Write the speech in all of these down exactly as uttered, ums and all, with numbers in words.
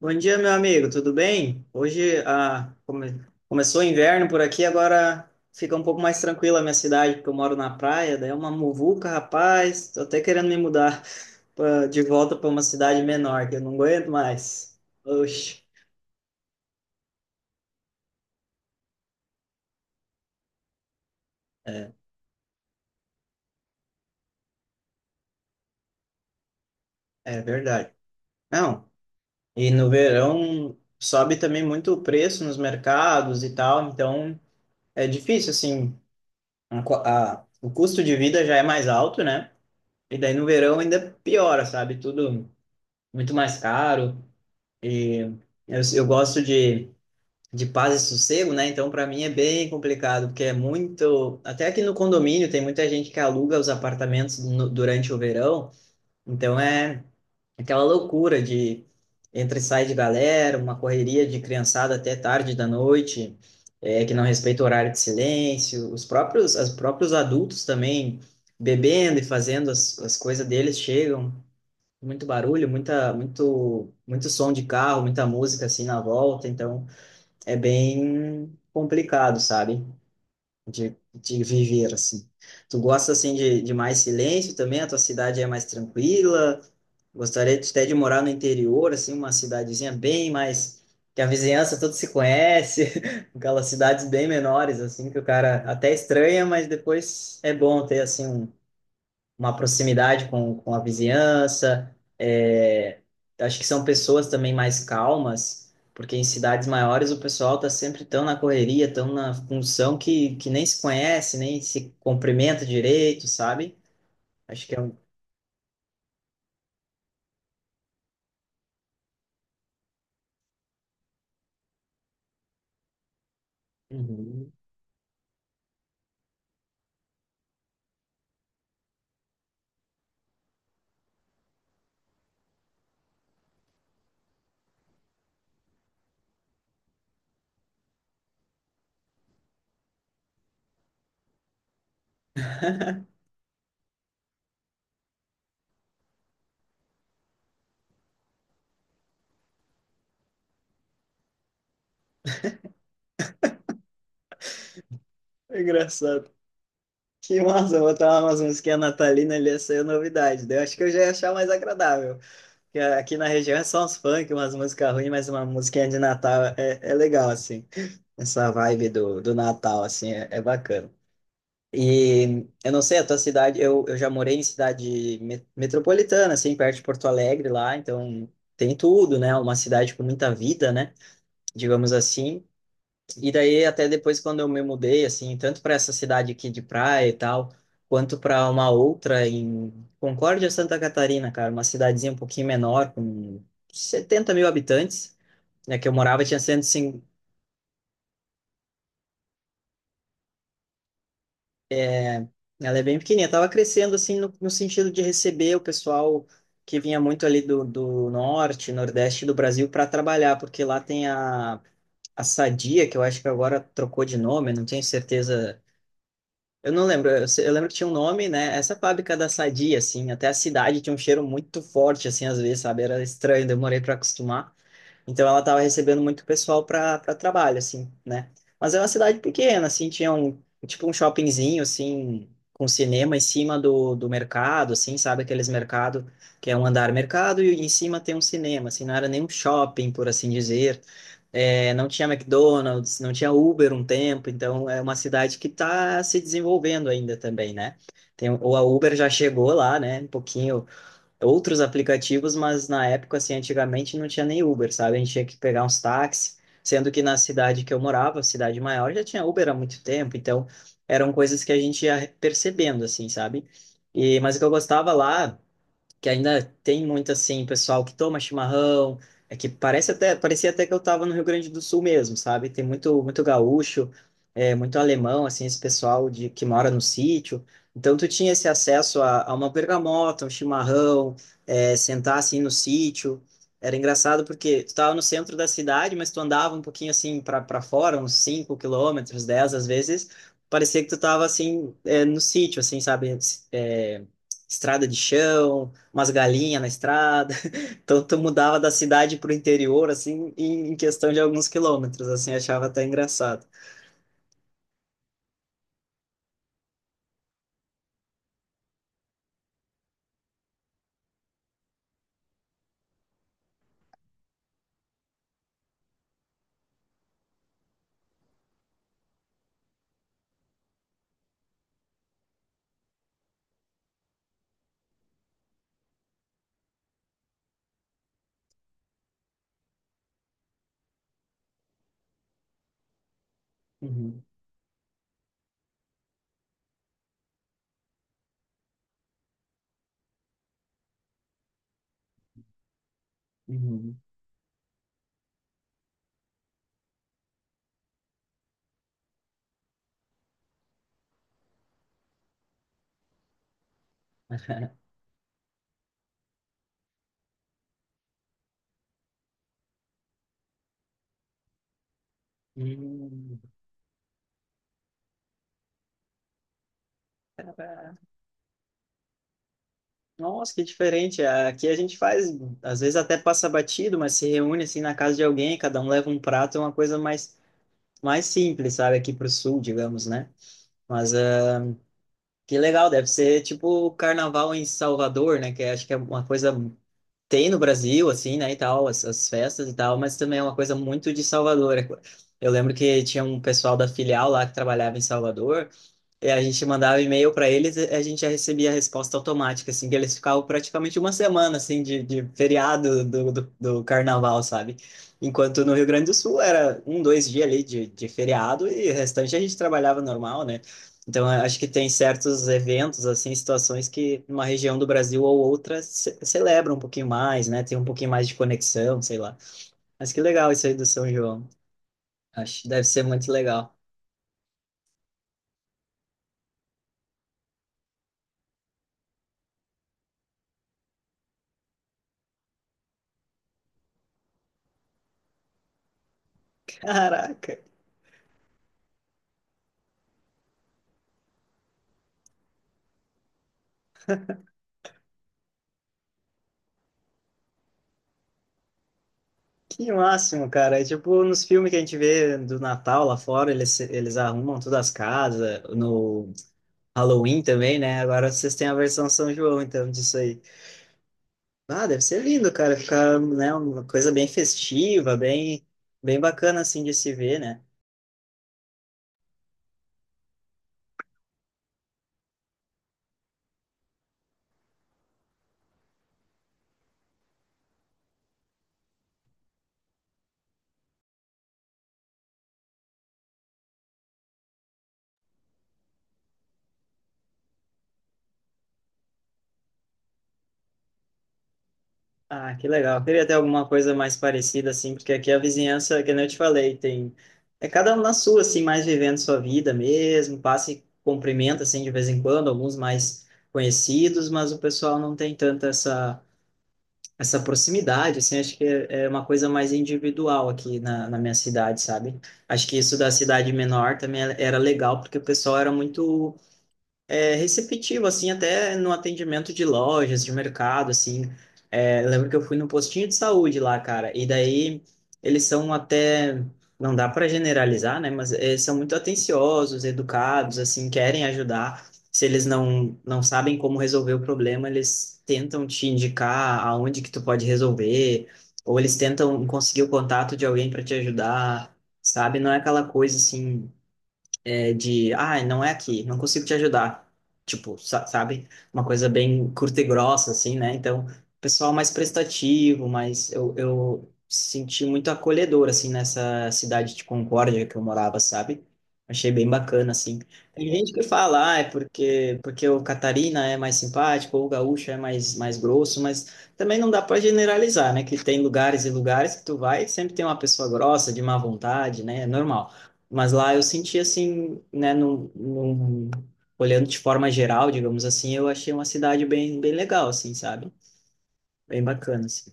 Bom dia, meu amigo, tudo bem? Hoje ah, come- começou o inverno por aqui, agora fica um pouco mais tranquila a minha cidade, porque eu moro na praia, daí é uma muvuca, rapaz. Tô até querendo me mudar pra- de volta para uma cidade menor, que eu não aguento mais. Oxe, é, é verdade. Não, e no verão sobe também muito o preço nos mercados e tal, então é difícil, assim, a co- a- o custo de vida já é mais alto, né? E daí no verão ainda piora, sabe? Tudo. muito mais caro. E eu, eu gosto de, de paz e sossego, né? Então, para mim é bem complicado, porque é muito. Até aqui no condomínio tem muita gente que aluga os apartamentos no- durante o verão. Então, é aquela loucura de entra e sai de galera, uma correria de criançada até tarde da noite, é, que não respeita o horário de silêncio, os próprios, os próprios adultos também bebendo e fazendo as, as coisas deles chegam muito barulho, muita, muito, muito som de carro, muita música assim na volta, então é bem complicado, sabe? De, de viver assim. Tu gosta assim de, de mais silêncio também? A tua cidade é mais tranquila? Gostaria de- até de morar no interior, assim, uma cidadezinha bem mais que a vizinhança toda se conhece, aquelas cidades bem menores assim que o cara até estranha, mas depois é bom ter assim um, uma proximidade com, com a vizinhança. É, acho que são pessoas também mais calmas, porque em cidades maiores o pessoal está sempre tão na correria, tão na função que, que nem se conhece, nem se cumprimenta direito, sabe? Acho que é um. Uhum. É Engraçado. Que massa, botar umas musiquinhas natalina ali ia ser novidade. né? Eu acho que eu já ia achar mais agradável. Que Aqui na região é só uns funk, umas músicas ruins, mas uma musiquinha de Natal é, é legal, assim. Essa vibe do, do Natal, assim, é, é bacana. E eu não sei, a tua cidade, eu, eu já morei em cidade me- metropolitana, assim, perto de Porto Alegre lá, então tem tudo, né? Uma cidade com muita vida, né? Digamos assim. E daí, até depois, quando eu me mudei, assim, tanto para essa cidade aqui de praia e tal, quanto para uma outra em Concórdia, Santa Catarina, cara, uma cidadezinha um pouquinho menor, com setenta mil habitantes, né, que eu morava, tinha cento e cinco mil, ela é bem pequenininha, tava crescendo, assim, no, no sentido de receber o pessoal que vinha muito ali do, do norte, nordeste do Brasil para trabalhar, porque lá tem a, a Sadia, que eu acho que agora trocou de nome, eu não tenho certeza. Eu não lembro, eu, se- eu lembro que tinha um nome, né? Essa fábrica da Sadia, assim, até a cidade tinha um cheiro muito forte, assim, às vezes, sabe? Era estranho, demorei para acostumar. Então ela estava recebendo muito pessoal para trabalho, assim, né? Mas é uma cidade pequena, assim, tinha um tipo um shoppingzinho, assim, com cinema em cima do, do mercado, assim, sabe? Aqueles mercado que é um andar mercado e em cima tem um cinema, assim, não era nem um shopping, por assim dizer. É, não tinha McDonald's, não tinha Uber um tempo, então é uma cidade que está se desenvolvendo ainda também, né? Tem, ou a Uber já chegou lá, né? Um pouquinho outros aplicativos, mas na época, assim, antigamente não tinha nem Uber, sabe? A gente tinha que pegar uns táxis, sendo que na cidade que eu morava, cidade maior, já tinha Uber há muito tempo, então eram coisas que a gente ia percebendo, assim, sabe? E, mas o que eu gostava lá que ainda tem muito assim, pessoal que toma chimarrão, é que parece até, parecia até que eu estava no Rio Grande do Sul mesmo, sabe? Tem muito, muito gaúcho, é, muito alemão, assim, esse pessoal de que mora no sítio. Então tu tinha esse acesso a, a uma bergamota, um chimarrão, é, sentar assim no sítio. Era engraçado porque tu estava no centro da cidade, mas tu andava um pouquinho assim para para fora, uns cinco quilômetros, dez às vezes, parecia que tu estava assim é, no sítio, assim, sabe? É, estrada de chão, umas galinhas na estrada. Então tu mudava da cidade para o interior, assim, em em questão de alguns quilômetros, assim, achava até engraçado. Uhum, uhum. Hum, cara, Nossa, que diferente. Aqui a gente faz, às vezes até passa batido, mas se reúne assim na casa de alguém, cada um leva um prato, é uma coisa mais, mais simples, sabe? Aqui pro sul, digamos, né? Mas ah, que legal, deve ser tipo o carnaval em Salvador, né? Que acho que é uma coisa tem no Brasil, assim, né, e tal, as, as festas e tal, mas também é uma coisa muito de Salvador. Eu lembro que tinha um pessoal da filial lá que trabalhava em Salvador, e a gente mandava e-mail para eles, e a gente já recebia a resposta automática, assim, que eles ficavam praticamente uma semana, assim, de, de feriado do, do, do carnaval, sabe? Enquanto no Rio Grande do Sul era um, dois dias ali de, de feriado e o restante a gente trabalhava normal, né? Então, eu acho que tem certos eventos, assim, situações que uma região do Brasil ou outra ce celebra um pouquinho mais, né? Tem um pouquinho mais de conexão, sei lá. Mas que legal isso aí do São João. Acho que deve ser muito legal. Caraca! Que máximo, cara. É tipo nos filmes que a gente vê do Natal lá fora, eles, eles arrumam todas as casas, no Halloween também, né? Agora vocês têm a versão São João, então, disso aí. Ah, deve ser lindo, cara. Ficar, né, uma coisa bem festiva, bem, bem bacana, assim, de se ver, né? Ah, que legal. Eu Queria ter alguma coisa mais parecida, assim, porque aqui a vizinhança, que nem eu te falei, tem. É cada um na sua, assim, mais vivendo sua vida mesmo, passa e cumprimenta, assim, de vez em quando, alguns mais conhecidos, mas o pessoal não tem tanta essa, essa proximidade, assim, acho que é é uma coisa mais individual aqui na, na minha cidade, sabe? Acho que isso da cidade menor também era legal, porque o pessoal era muito é, receptivo, assim, até no atendimento de lojas, de mercado, assim. É, eu lembro que eu fui no postinho de saúde lá, cara, e daí eles são até, não dá para generalizar, né, mas eles são muito atenciosos, educados, assim, querem ajudar. Se eles não, não sabem como resolver o problema, eles tentam te indicar aonde que tu pode resolver, ou eles tentam conseguir o contato de alguém para te ajudar, sabe? Não é aquela coisa assim é, de, ah, não é aqui, não consigo te ajudar. Tipo, sa- sabe? Uma coisa bem curta e grossa, assim, né? Então, pessoal mais prestativo, mas eu, eu senti muito acolhedor, assim, nessa cidade de Concórdia que eu morava, sabe? Achei bem bacana, assim. Tem gente que fala, ah, é porque, porque o Catarina é mais simpático, ou o Gaúcho é mais, mais grosso, mas também não dá para generalizar, né? Que tem lugares e lugares que tu vai e sempre tem uma pessoa grossa, de má vontade, né? É normal. Mas lá eu senti assim, né, num, num- olhando de forma geral, digamos assim, eu achei uma cidade bem, bem legal, assim, sabe? Bem bacana, assim.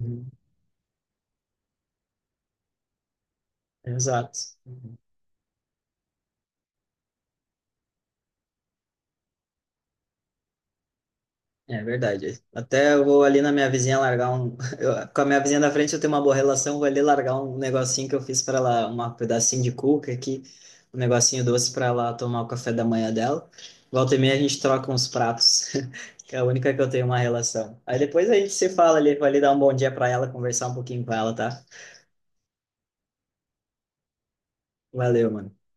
Uhum. Exato. É verdade. Até eu vou ali na minha vizinha largar um. eu- com a minha vizinha da frente eu tenho uma boa relação, vou ali largar um negocinho que eu fiz para ela, um pedacinho de cuca aqui, um negocinho doce para ela tomar o café da manhã dela. Volta e meia a gente troca uns pratos, que é a única que eu tenho uma relação. Aí depois a gente se fala ali, vou ali dar um bom dia para ela, conversar um pouquinho com ela, tá? Valeu, mano.